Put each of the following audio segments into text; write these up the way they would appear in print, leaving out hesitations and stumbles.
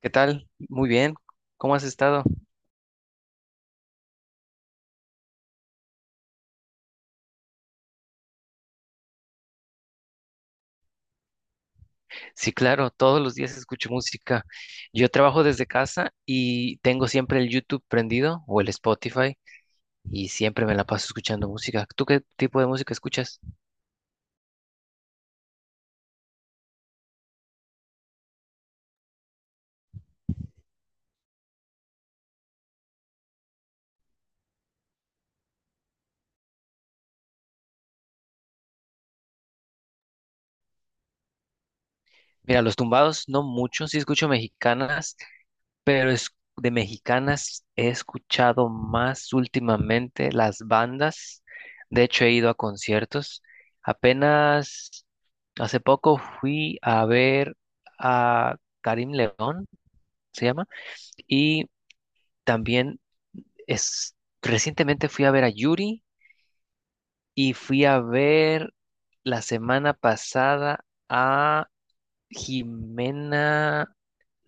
¿Qué tal? Muy bien. ¿Cómo has estado? Sí, claro, todos los días escucho música. Yo trabajo desde casa y tengo siempre el YouTube prendido o el Spotify y siempre me la paso escuchando música. ¿Tú qué tipo de música escuchas? Mira, los tumbados no mucho, sí escucho mexicanas pero es, de mexicanas he escuchado más últimamente las bandas. De hecho, he ido a conciertos. Apenas hace poco fui a ver a Karim León, se llama, y también es, recientemente fui a ver a Yuri y fui a ver la semana pasada a Jimena,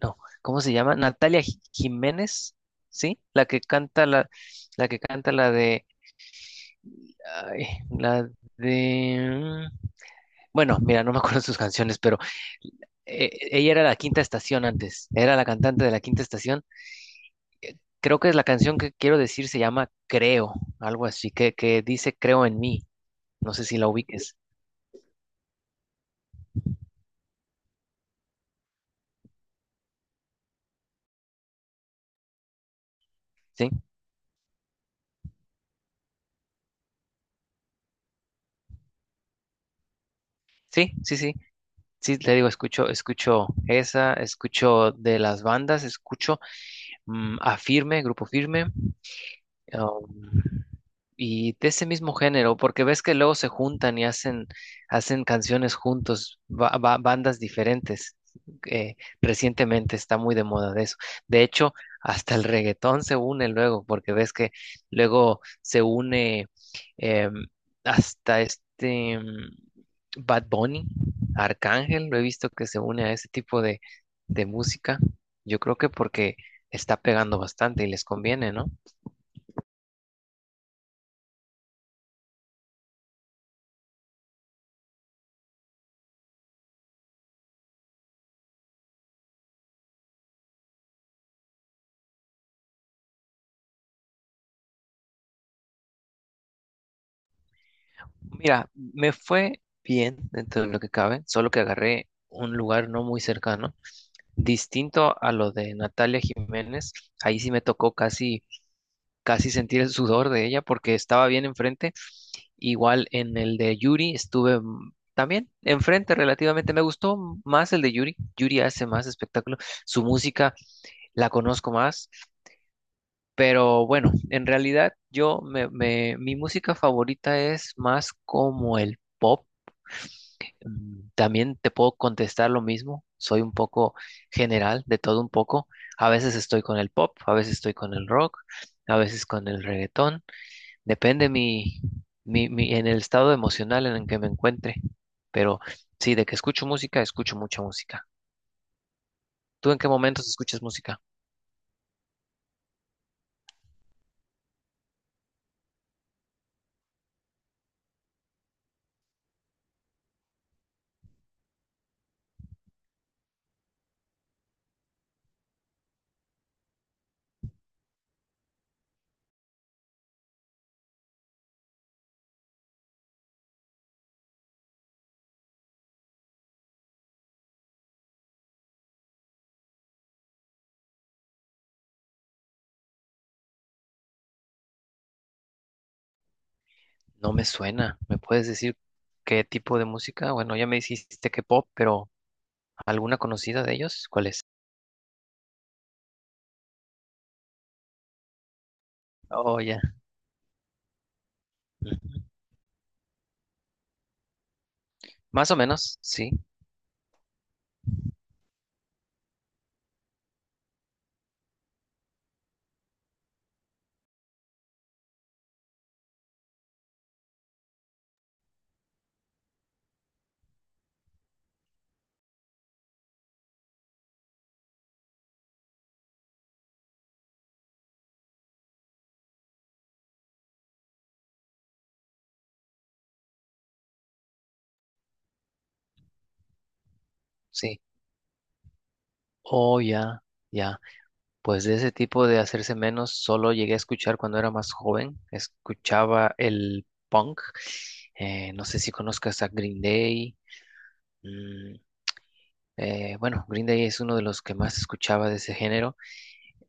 no, ¿cómo se llama? Natalia Jiménez, ¿sí? La que canta la, la que canta la de, ay, la de, bueno, mira, no me acuerdo sus canciones, pero ella era la Quinta Estación antes, era la cantante de la Quinta Estación. Creo que es la canción que quiero decir se llama Creo, algo así, que dice Creo en mí. No sé si la ubiques, ¿sí? Sí, sí, sí. Sí, te digo, escucho, escucho esa, escucho de las bandas, escucho a Firme, Grupo Firme. um, y de ese mismo género, porque ves que luego se juntan y hacen, hacen canciones juntos, bandas diferentes. eh, Recientemente está muy de moda de eso. De hecho, hasta el reggaetón se une luego, porque ves que luego se une em, hasta este, Bad Bunny, Arcángel, lo he visto que se une a ese tipo de música. Yo creo que porque está pegando bastante y les conviene, ¿no? Mira, me fue bien dentro de lo que cabe, solo que agarré un lugar no muy cercano, distinto a lo de Natalia Jiménez. Ahí sí me tocó casi, casi sentir el sudor de ella porque estaba bien enfrente. Igual en el de Yuri estuve también enfrente relativamente. Me gustó más el de Yuri. Yuri hace más espectáculo. Su música la conozco más. Pero bueno, en realidad mi música favorita es más como el pop. Mm, también te puedo contestar lo mismo. Soy un poco general, de todo un poco. A veces estoy con el pop, a veces estoy con el rock, a veces con el reggaetón. Depende en el estado emocional en el que me encuentre. Pero sí, de que escucho música, escucho mucha música. ¿Tú en qué momentos escuchas música? No me suena. ¿Me puedes decir qué tipo de música? Bueno, ya me dijiste que pop, pero ¿alguna conocida de ellos? ¿Cuál es? Oh, ya. Ujú. Más o menos, sí, sí. Oh, ya, ya. Pues de ese tipo de hacerse menos, solo llegué a escuchar cuando era más joven. Escuchaba el punk. No sé si conozcas a Green Day. Mm, bueno, Green Day es uno de los que más escuchaba de ese género.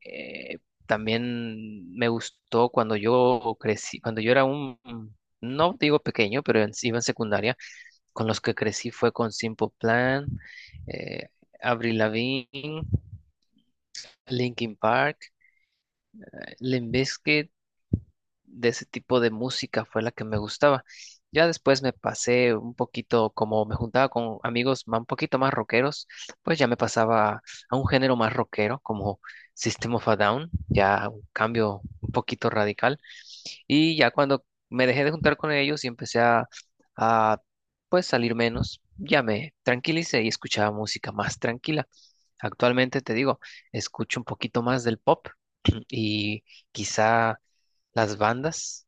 Eh, También me gustó cuando yo crecí, cuando yo era un, no digo pequeño, pero iba en secundaria. Con los que crecí fue con Simple Plan, eh, Avril Lavigne, Linkin Park, Limp Bizkit. De ese tipo de música fue la que me gustaba. Ya después me pasé un poquito, como me juntaba con amigos un poquito más rockeros, pues ya me pasaba a un género más rockero, como System of a Down, ya un cambio un poquito radical. Y ya cuando me dejé de juntar con ellos y empecé a, pues salir menos, ya me tranquilicé y escuchaba música más tranquila. Actualmente te digo, escucho un poquito más del pop, y quizá las bandas,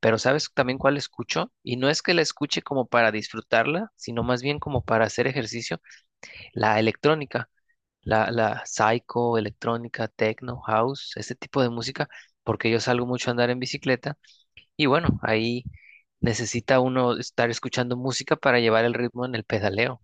pero ¿sabes también cuál escucho? Y no es que la escuche como para disfrutarla, sino más bien como para hacer ejercicio, la electrónica, la psycho, electrónica, techno, house, este tipo de música, porque yo salgo mucho a andar en bicicleta y bueno, ahí necesita uno estar escuchando música para llevar el ritmo en el pedaleo.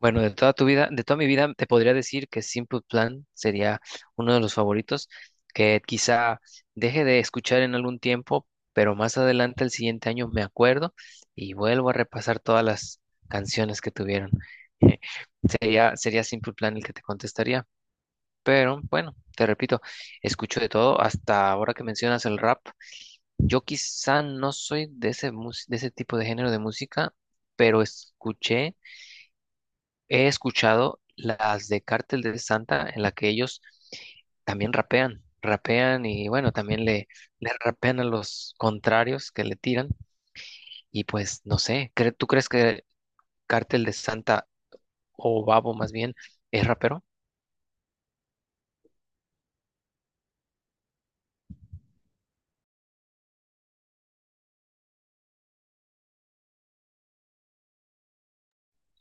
Bueno, de toda tu vida, de toda mi vida, te podría decir que Simple Plan sería uno de los favoritos, que quizá deje de escuchar en algún tiempo, pero más adelante, el siguiente año, me acuerdo y vuelvo a repasar todas las canciones que tuvieron. Sería, sería Simple Plan el que te contestaría, pero bueno, te repito, escucho de todo, hasta ahora que mencionas el rap, yo quizá no soy de ese, de ese tipo de género de música, pero escuché. He escuchado las de Cártel de Santa en la que ellos también rapean, rapean y bueno, también le rapean a los contrarios que le tiran. Y pues no sé, ¿tú crees que Cártel de Santa o Babo más bien es rapero?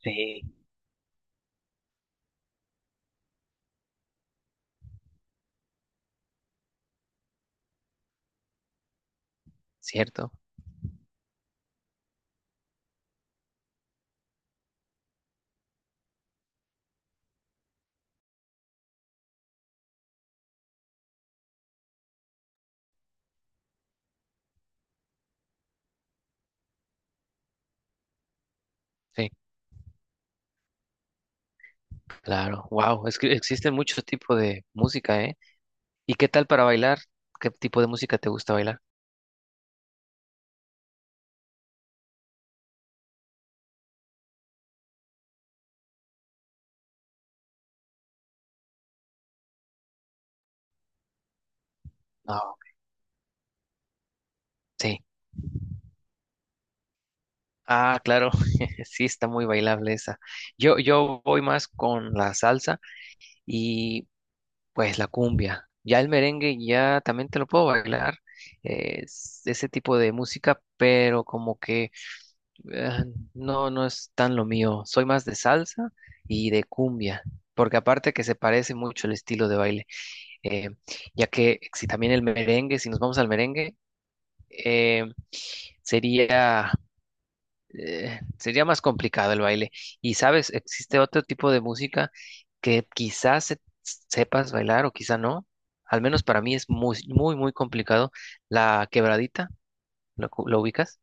Sí. Cierto, sí, claro, wow, es que existen muchos tipos de música, ¿eh? ¿Y qué tal para bailar? ¿Qué tipo de música te gusta bailar? No, sí. Ah, claro, sí está muy bailable esa. Yo voy más con la salsa y pues la cumbia. Ya el merengue ya también te lo puedo bailar, es ese tipo de música, pero como que eh, no, no es tan lo mío. Soy más de salsa y de cumbia, porque aparte que se parece mucho el estilo de baile, eh, ya que si también el merengue, si nos vamos al merengue, eh, sería sería más complicado el baile. Y sabes, existe otro tipo de música que quizás sepas bailar o quizá no. Al menos para mí es muy, muy, muy complicado. La quebradita, ¿lo ubicas?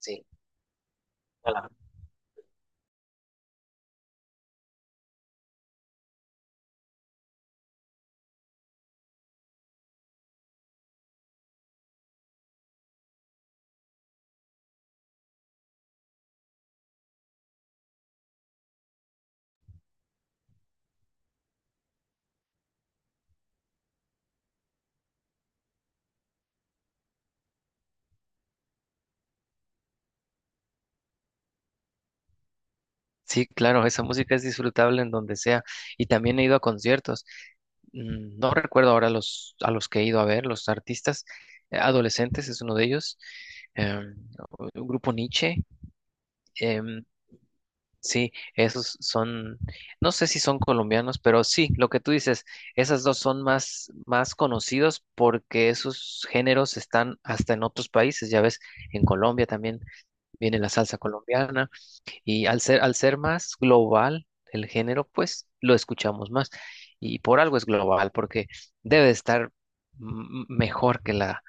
Sí, hola. Sí, claro, esa música es disfrutable en donde sea. Y también he ido a conciertos. Mm, no recuerdo ahora los, a los que he ido a ver, los artistas. Adolescentes es uno de ellos. em, el grupo Nietzsche. Sí, esos son, no sé si son colombianos, pero sí, lo que tú dices, esas dos son más, más conocidos porque esos géneros están hasta en otros países, ya ves, en Colombia también viene la salsa colombiana y al ser más global el género, pues lo escuchamos más y por algo es global, porque debe de estar mejor que la,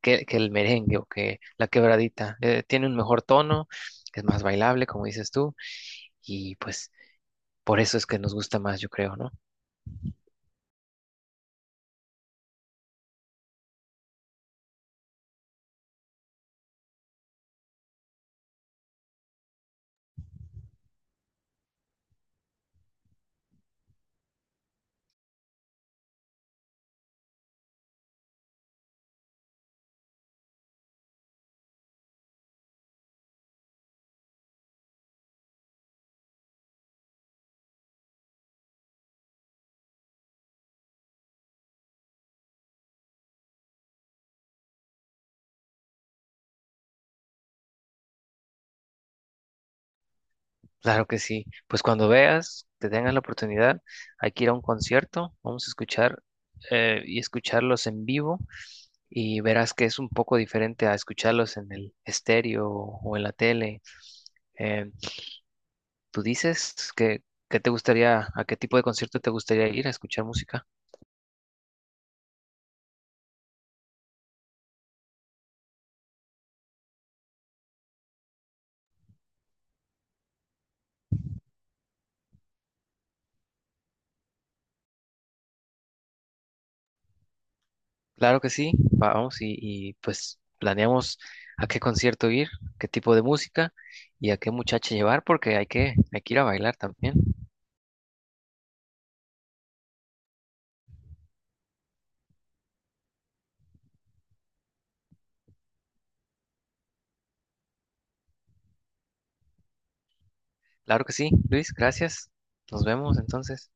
que el merengue o que la quebradita, tiene un mejor tono, es más bailable, como dices tú, y pues... Por eso es que nos gusta más, yo creo, ¿no? Claro que sí. Pues cuando veas, te tengas la oportunidad, hay que ir a un concierto, vamos a escuchar y escucharlos en vivo y verás que es un poco diferente a escucharlos en el estéreo o en la tele. Eh, ¿Tú dices que te gustaría, a qué tipo de concierto te gustaría ir a escuchar música? Claro que sí, vamos y pues planeamos a qué concierto ir, qué tipo de música y a qué muchacha llevar porque hay que ir a bailar también. Claro que sí, Luis, gracias. Nos vemos entonces.